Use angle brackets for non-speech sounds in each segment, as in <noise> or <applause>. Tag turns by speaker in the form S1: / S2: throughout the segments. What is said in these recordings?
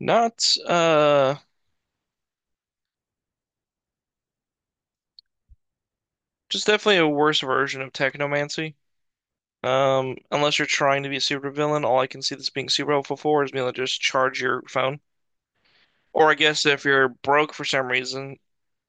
S1: Not just definitely a worse version of technomancy. Unless you're trying to be a supervillain, all I can see this being super helpful for is being able to just charge your phone. Or I guess if you're broke for some reason,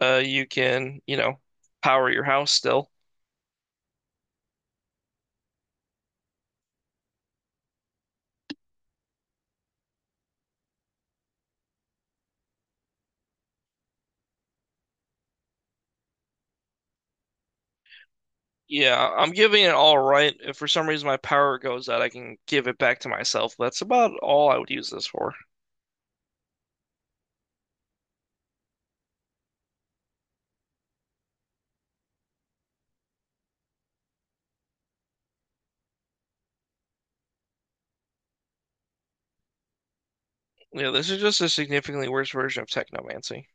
S1: you can, power your house still. Yeah, I'm giving it all right. If for some reason my power goes out, I can give it back to myself. That's about all I would use this for. Yeah, this is just a significantly worse version of technomancy.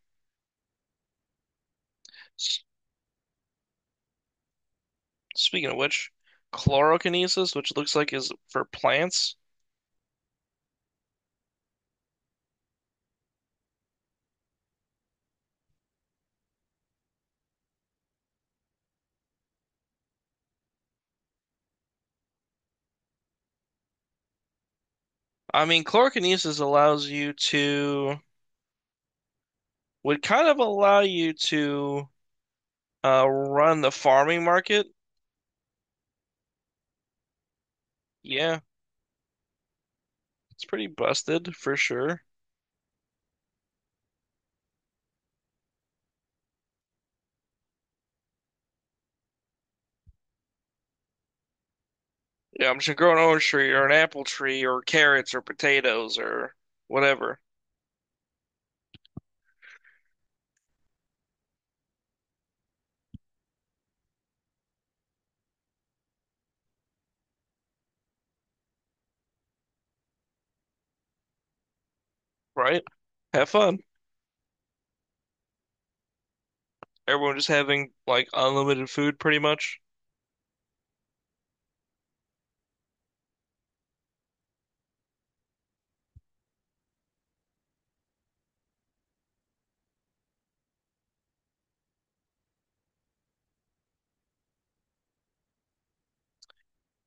S1: Speaking of which, chlorokinesis, which looks like is for plants. I mean, chlorokinesis allows you to, would kind of allow you to run the farming market. Yeah, it's pretty busted for sure. Yeah, I'm just growing an orange tree or an apple tree or carrots or potatoes or whatever, right? Have fun. Everyone just having like unlimited food pretty much.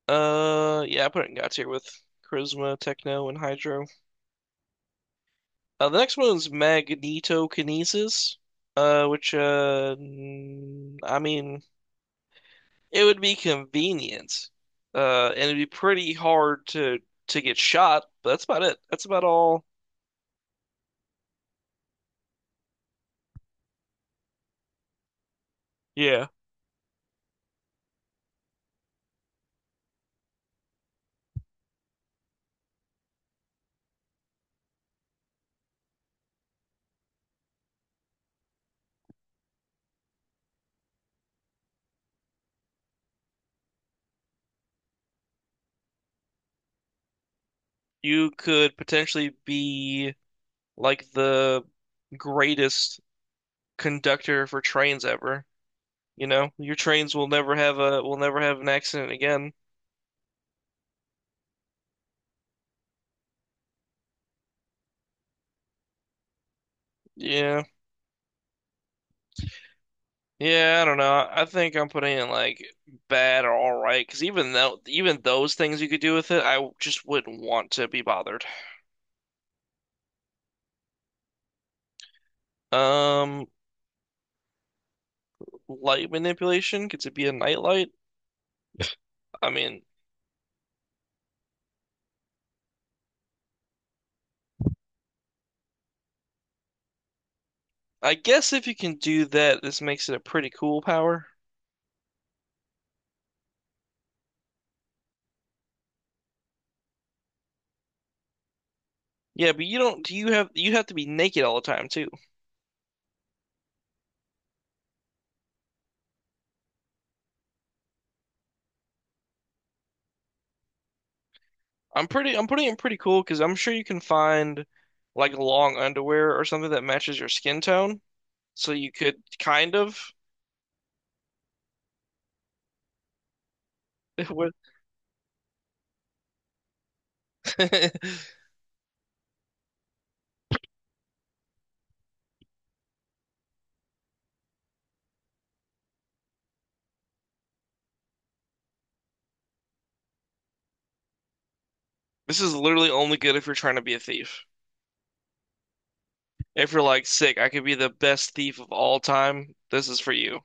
S1: Yeah, I put it in God tier with charisma, techno, and hydro. The next one's magnetokinesis, I mean, it would be convenient, and it'd be pretty hard to get shot, but that's about it. That's about all. Yeah, you could potentially be like the greatest conductor for trains ever. You know, your trains will never have an accident again. Yeah. Yeah, I don't know. I think I'm putting in like bad or all right because even those things you could do with it, just wouldn't want to be bothered. Um, light manipulation, could it be a nightlight? I mean, I guess if you can do that, this makes it a pretty cool power. Yeah, but you don't. Do you have to be naked all the time too? I'm pretty. I'm putting it in pretty cool because I'm sure you can find like long underwear or something that matches your skin tone, so you could kind of. <laughs> with <laughs> This is literally only good if you're trying to be a thief. If you're like sick, I could be the best thief of all time. This is for you.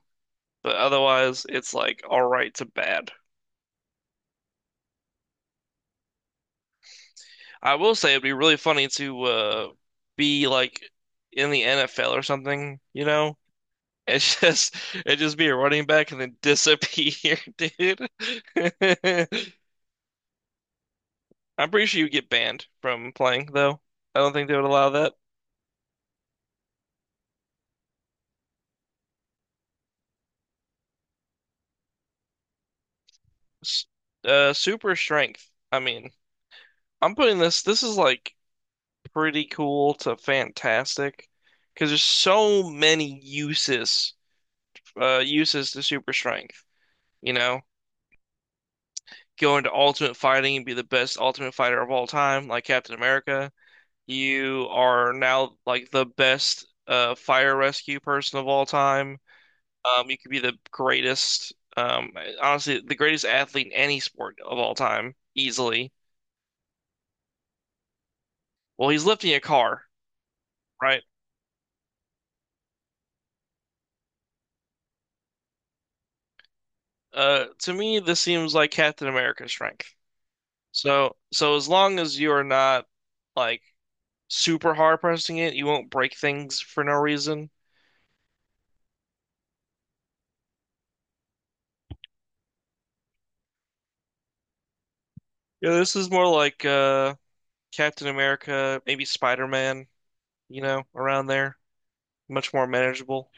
S1: But otherwise, it's like all right to bad. I will say it'd be really funny to be like in the NFL or something, you know? It's <laughs> just it just be a running back and then disappear, <laughs> dude. <laughs> I'm pretty sure you get banned from playing though. I don't think they would allow that. S- super strength. I mean, I'm putting this this is like pretty cool to fantastic because there's so many uses to super strength, you know? Go into ultimate fighting and be the best ultimate fighter of all time, like Captain America. You are now like the best fire rescue person of all time. You could be the greatest honestly the greatest athlete in any sport of all time, easily. Well, he's lifting a car, right? To me, this seems like Captain America's strength. So as long as you're not like super hard pressing it, you won't break things for no reason. Yeah, this is more like Captain America, maybe Spider-Man, you know, around there. Much more manageable.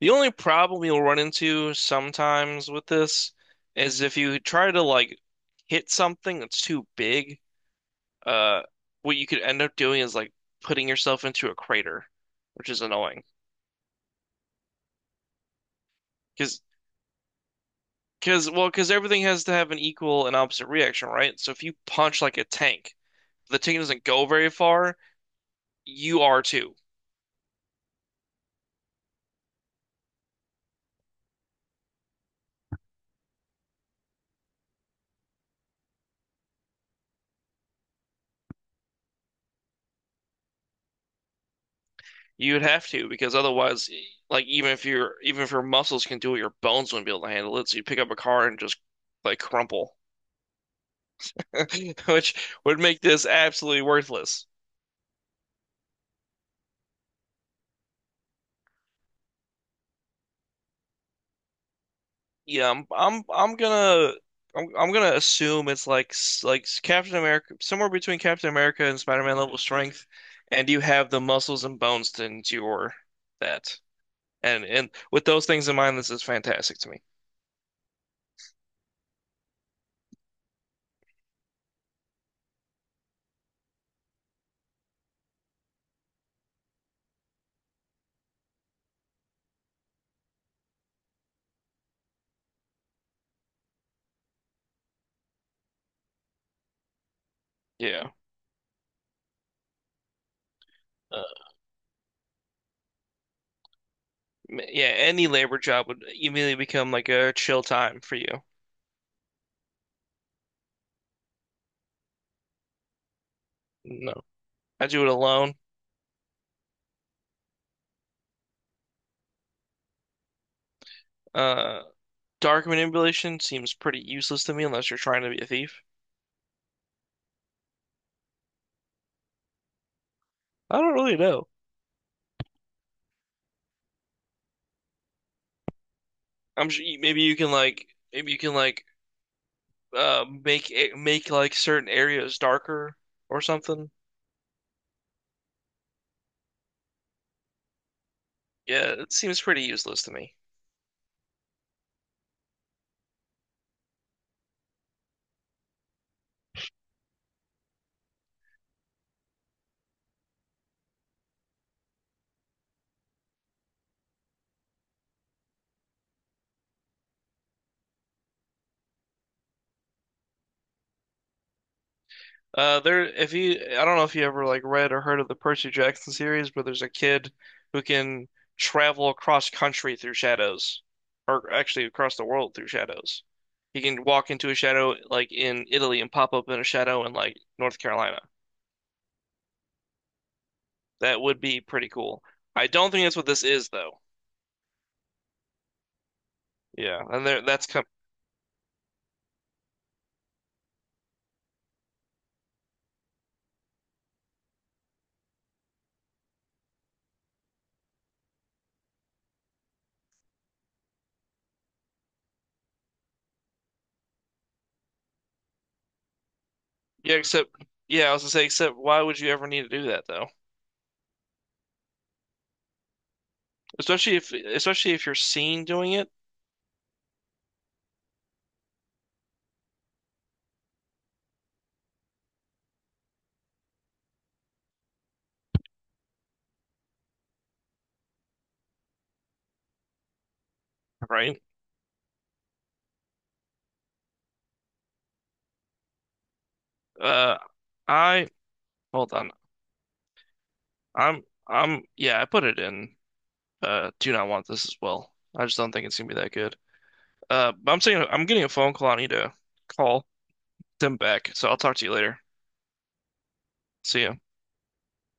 S1: The only problem you'll run into sometimes with this is if you try to like hit something that's too big, uh what you could end up doing is like putting yourself into a crater, which is annoying. Because Because well, because everything has to have an equal and opposite reaction, right? So if you punch like a tank, the tank doesn't go very far. You are too. You'd have to because otherwise, like even if your muscles can do it, your bones wouldn't be able to handle it. So you pick up a car and just like crumple, <laughs> which would make this absolutely worthless. Yeah, I'm gonna assume it's like like Captain America, somewhere between Captain America and Spider-Man level strength, and you have the muscles and bones to endure that. And with those things in mind, this is fantastic to me. Yeah, uh, yeah. Any labor job would immediately become like a chill time for you. No, I do it alone. Uh, dark manipulation seems pretty useless to me unless you're trying to be a thief. I don't really know. I'm sure maybe you can like make like certain areas darker or something. Yeah, it seems pretty useless to me. If you, I don't know if you ever like read or heard of the Percy Jackson series, but there's a kid who can travel across country through shadows, or actually across the world through shadows. He can walk into a shadow like in Italy and pop up in a shadow in like North Carolina. That would be pretty cool. I don't think that's what this is though. Yeah, and there, that's com Yeah, except yeah, I was gonna say, except why would you ever need to do that though? Especially if you're seen doing it, right? Uh I hold on. I'm I'm yeah, I put it in do not want this as well. I just don't think it's gonna be that good. But I'm saying I'm getting a phone call. I need to call them back. So I'll talk to you later. See ya.